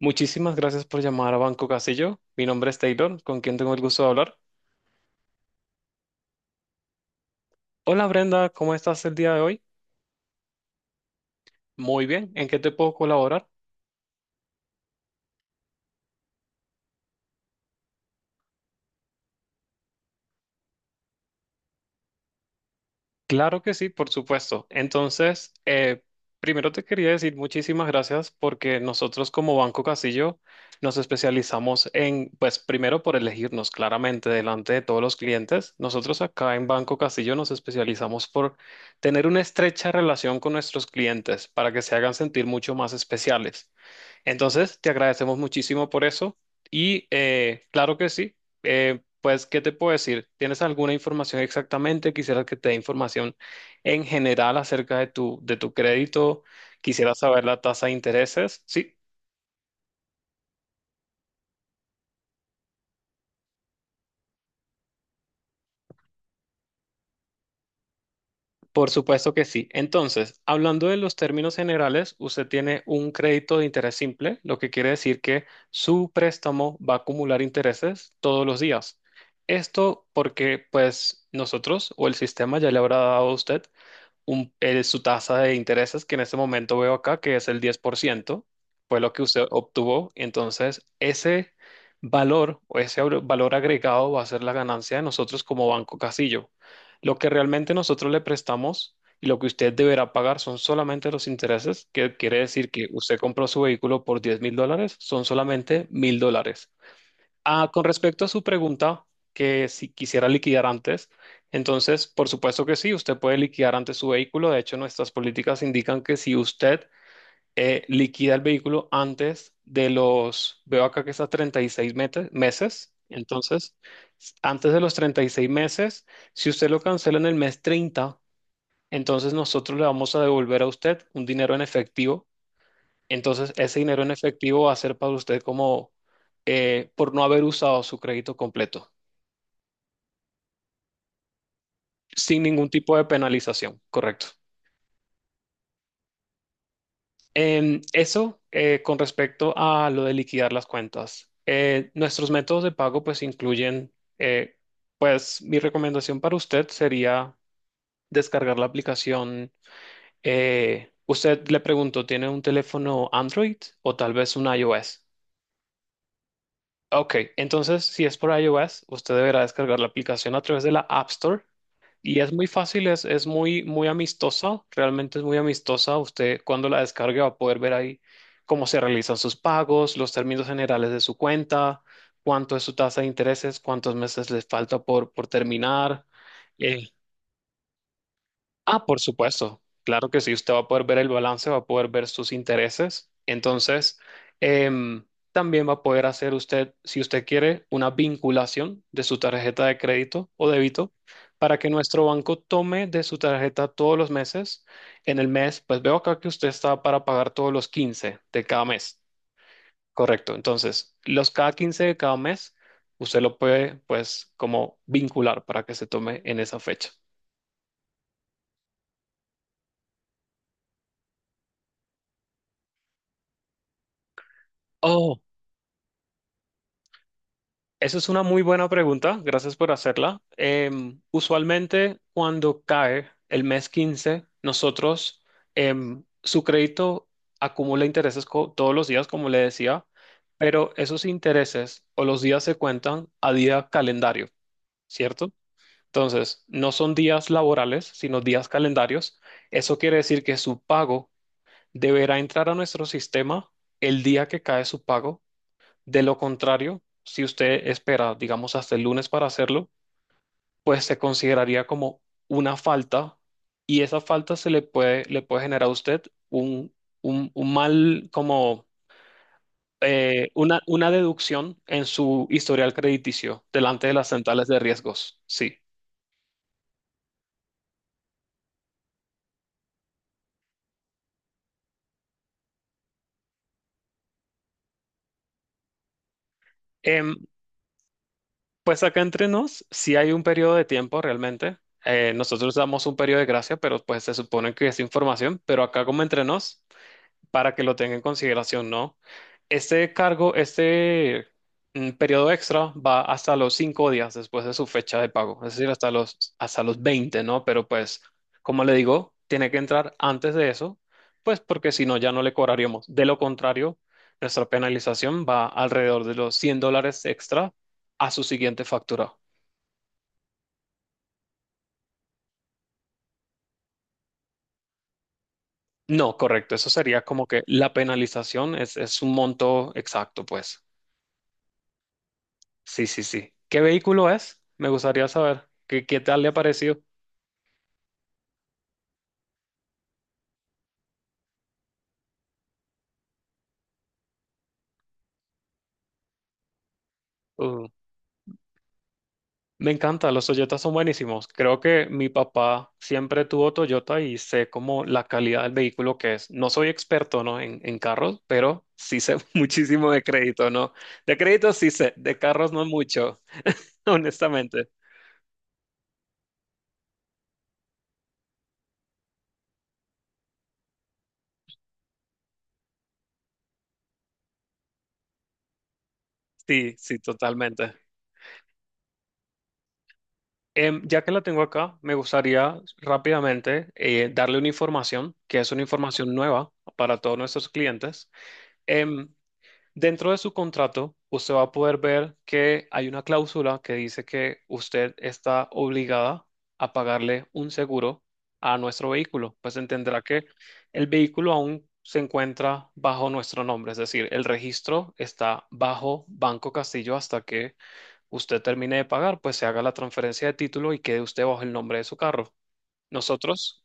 Muchísimas gracias por llamar a Banco Casillo. Mi nombre es Taylor, ¿con quien tengo el gusto de hablar? Hola Brenda, ¿cómo estás el día de hoy? Muy bien, ¿en qué te puedo colaborar? Claro que sí, por supuesto. Entonces, primero te quería decir muchísimas gracias porque nosotros como Banco Casillo nos especializamos en, pues primero por elegirnos claramente delante de todos los clientes. Nosotros acá en Banco Casillo nos especializamos por tener una estrecha relación con nuestros clientes para que se hagan sentir mucho más especiales. Entonces, te agradecemos muchísimo por eso y claro que sí. eh, pues, ¿qué te puedo decir? ¿Tienes alguna información exactamente? Quisiera que te dé información en general acerca de tu crédito. Quisiera saber la tasa de intereses. Sí, por supuesto que sí. Entonces, hablando de los términos generales, usted tiene un crédito de interés simple, lo que quiere decir que su préstamo va a acumular intereses todos los días. Esto porque, pues, nosotros o el sistema ya le habrá dado a usted su tasa de intereses, que en este momento veo acá, que es el 10% fue lo que usted obtuvo. Entonces, ese valor o ese valor agregado va a ser la ganancia de nosotros como Banco Casillo. Lo que realmente nosotros le prestamos y lo que usted deberá pagar son solamente los intereses, que quiere decir que usted compró su vehículo por $10,000, son solamente $1,000. Ah, con respecto a su pregunta, que si quisiera liquidar antes, entonces, por supuesto que sí, usted puede liquidar antes su vehículo. De hecho, nuestras políticas indican que si usted liquida el vehículo antes de los, veo acá que está 36 meses, entonces, antes de los 36 meses, si usted lo cancela en el mes 30, entonces nosotros le vamos a devolver a usted un dinero en efectivo. Entonces, ese dinero en efectivo va a ser para usted como por no haber usado su crédito completo, sin ningún tipo de penalización, correcto. Eso con respecto a lo de liquidar las cuentas. Nuestros métodos de pago pues incluyen, eh, pues mi recomendación para usted sería descargar la aplicación. Usted le pregunto, ¿tiene un teléfono Android o tal vez un iOS? Ok, entonces si es por iOS, usted deberá descargar la aplicación a través de la App Store y es muy fácil, es muy, muy amistosa, realmente es muy amistosa. Usted cuando la descargue va a poder ver ahí cómo se realizan sus pagos, los términos generales de su cuenta, cuánto es su tasa de intereses, cuántos meses les falta por terminar. eh, Ah, por supuesto. Claro que sí, usted va a poder ver el balance, va a poder ver sus intereses. Entonces, em, también va a poder hacer usted, si usted quiere, una vinculación de su tarjeta de crédito o débito para que nuestro banco tome de su tarjeta todos los meses. En el mes, pues veo acá que usted está para pagar todos los 15 de cada mes. Correcto. Entonces, los cada 15 de cada mes, usted lo puede, pues, como vincular para que se tome en esa fecha. Oh, esa es una muy buena pregunta, gracias por hacerla. Usualmente cuando cae el mes 15 nosotros, su crédito acumula intereses todos los días, como le decía, pero esos intereses o los días se cuentan a día calendario, ¿cierto? Entonces, no son días laborales, sino días calendarios. Eso quiere decir que su pago deberá entrar a nuestro sistema el día que cae su pago. De lo contrario, si usted espera, digamos, hasta el lunes para hacerlo, pues se consideraría como una falta y esa falta se le puede generar a usted un, un mal, como una deducción en su historial crediticio delante de las centrales de riesgos. Sí. Em, pues acá entre nos, si hay un periodo de tiempo realmente. Nosotros damos un periodo de gracia, pero pues se supone que es información, pero acá como entre nos, para que lo tenga en consideración, ¿no? Este cargo, periodo extra va hasta los 5 días después de su fecha de pago, es decir, hasta los 20, ¿no? Pero pues, como le digo, tiene que entrar antes de eso, pues porque si no, ya no le cobraríamos. De lo contrario, nuestra penalización va alrededor de los $100 extra a su siguiente factura. No, correcto, eso sería como que la penalización es un monto exacto, pues. Sí, sí, sí. ¿Qué vehículo es? Me gustaría saber. ¿Qué, qué tal le ha parecido? Uh, Me encanta, los Toyotas son buenísimos. Creo que mi papá siempre tuvo Toyota y sé como la calidad del vehículo que es. No soy experto, ¿no? En carros, pero sí sé muchísimo de crédito, ¿no? De crédito sí sé, de carros no mucho, honestamente. Sí, sí, totalmente. Ya que la tengo acá, me gustaría rápidamente darle una información, que es una información nueva para todos nuestros clientes. Em, Dentro de su contrato, usted va a poder ver que hay una cláusula que dice que usted está obligada a pagarle un seguro a nuestro vehículo. Pues entenderá que el vehículo aún se encuentra bajo nuestro nombre, es decir, el registro está bajo Banco Castillo hasta que usted termine de pagar, pues se haga la transferencia de título y quede usted bajo el nombre de su carro. Nosotros,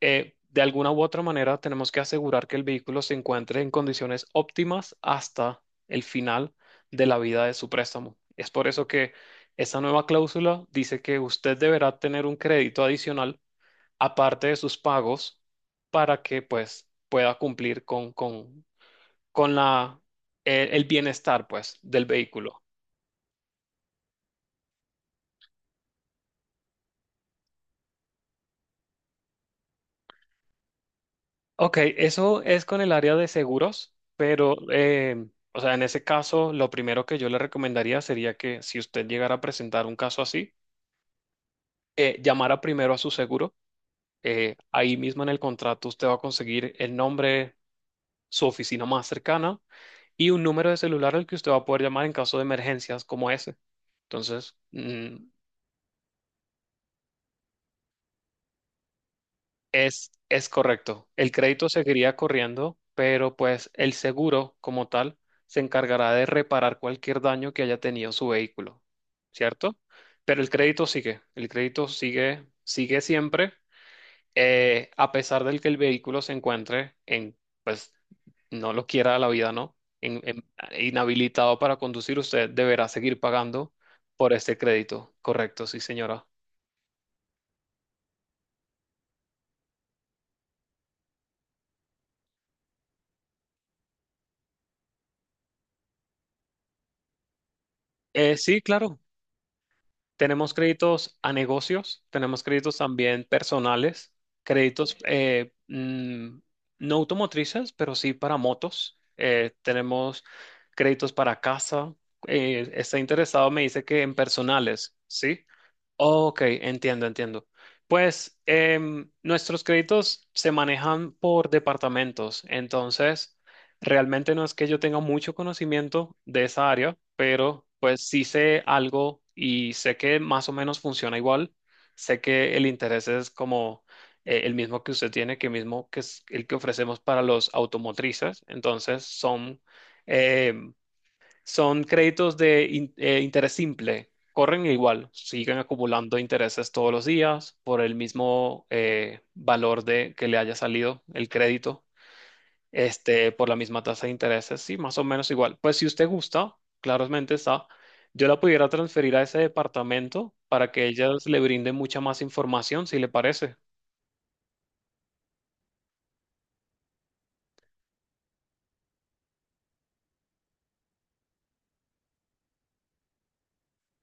de alguna u otra manera, tenemos que asegurar que el vehículo se encuentre en condiciones óptimas hasta el final de la vida de su préstamo. Es por eso que esa nueva cláusula dice que usted deberá tener un crédito adicional aparte de sus pagos para que pues pueda cumplir con la, el bienestar pues del vehículo. Ok, eso es con el área de seguros, pero, o sea, en ese caso, lo primero que yo le recomendaría sería que si usted llegara a presentar un caso así, llamara primero a su seguro. Ahí mismo en el contrato usted va a conseguir el nombre, su oficina más cercana y un número de celular al que usted va a poder llamar en caso de emergencias como ese. Entonces, mm, es correcto. El crédito seguiría corriendo, pero pues el seguro como tal se encargará de reparar cualquier daño que haya tenido su vehículo, ¿cierto? Pero el crédito sigue, sigue siempre, a pesar del que el vehículo se encuentre en, pues, no lo quiera la vida, ¿no? Inhabilitado para conducir, usted deberá seguir pagando por este crédito. Correcto, sí, señora. Sí, claro. Tenemos créditos a negocios, tenemos créditos también personales, créditos no automotrices, pero sí para motos. Tenemos créditos para casa. Está interesado, me dice que en personales, ¿sí? Ok, entiendo, entiendo. Pues nuestros créditos se manejan por departamentos, entonces realmente no es que yo tenga mucho conocimiento de esa área, pero pues sí sé algo y sé que más o menos funciona igual. Sé que el interés es como el mismo que usted tiene, que mismo que es el que ofrecemos para los automotrices, entonces son em, son créditos de interés simple, corren igual, siguen acumulando intereses todos los días por el mismo valor de que le haya salido el crédito, este, por la misma tasa de intereses, sí, más o menos igual. Pues si usted gusta, claramente está, yo la pudiera transferir a ese departamento para que ellas le brinden mucha más información, si le parece.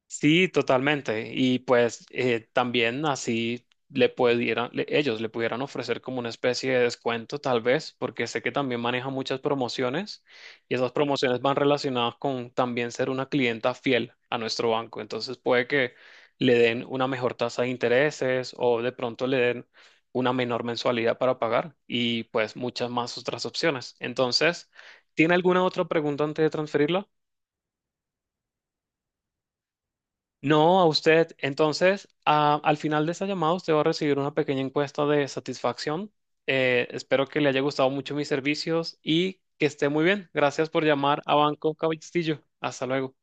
Sí, totalmente. Y pues también así le pudieran, ellos le pudieran ofrecer como una especie de descuento, tal vez, porque sé que también maneja muchas promociones y esas promociones van relacionadas con también ser una clienta fiel a nuestro banco. Entonces puede que le den una mejor tasa de intereses o de pronto le den una menor mensualidad para pagar y pues muchas más otras opciones. Entonces, ¿tiene alguna otra pregunta antes de transferirla? No, a usted. Entonces, al final de esta llamada, usted va a recibir una pequeña encuesta de satisfacción. Espero que le haya gustado mucho mis servicios y que esté muy bien. Gracias por llamar a Banco Castillo. Hasta luego.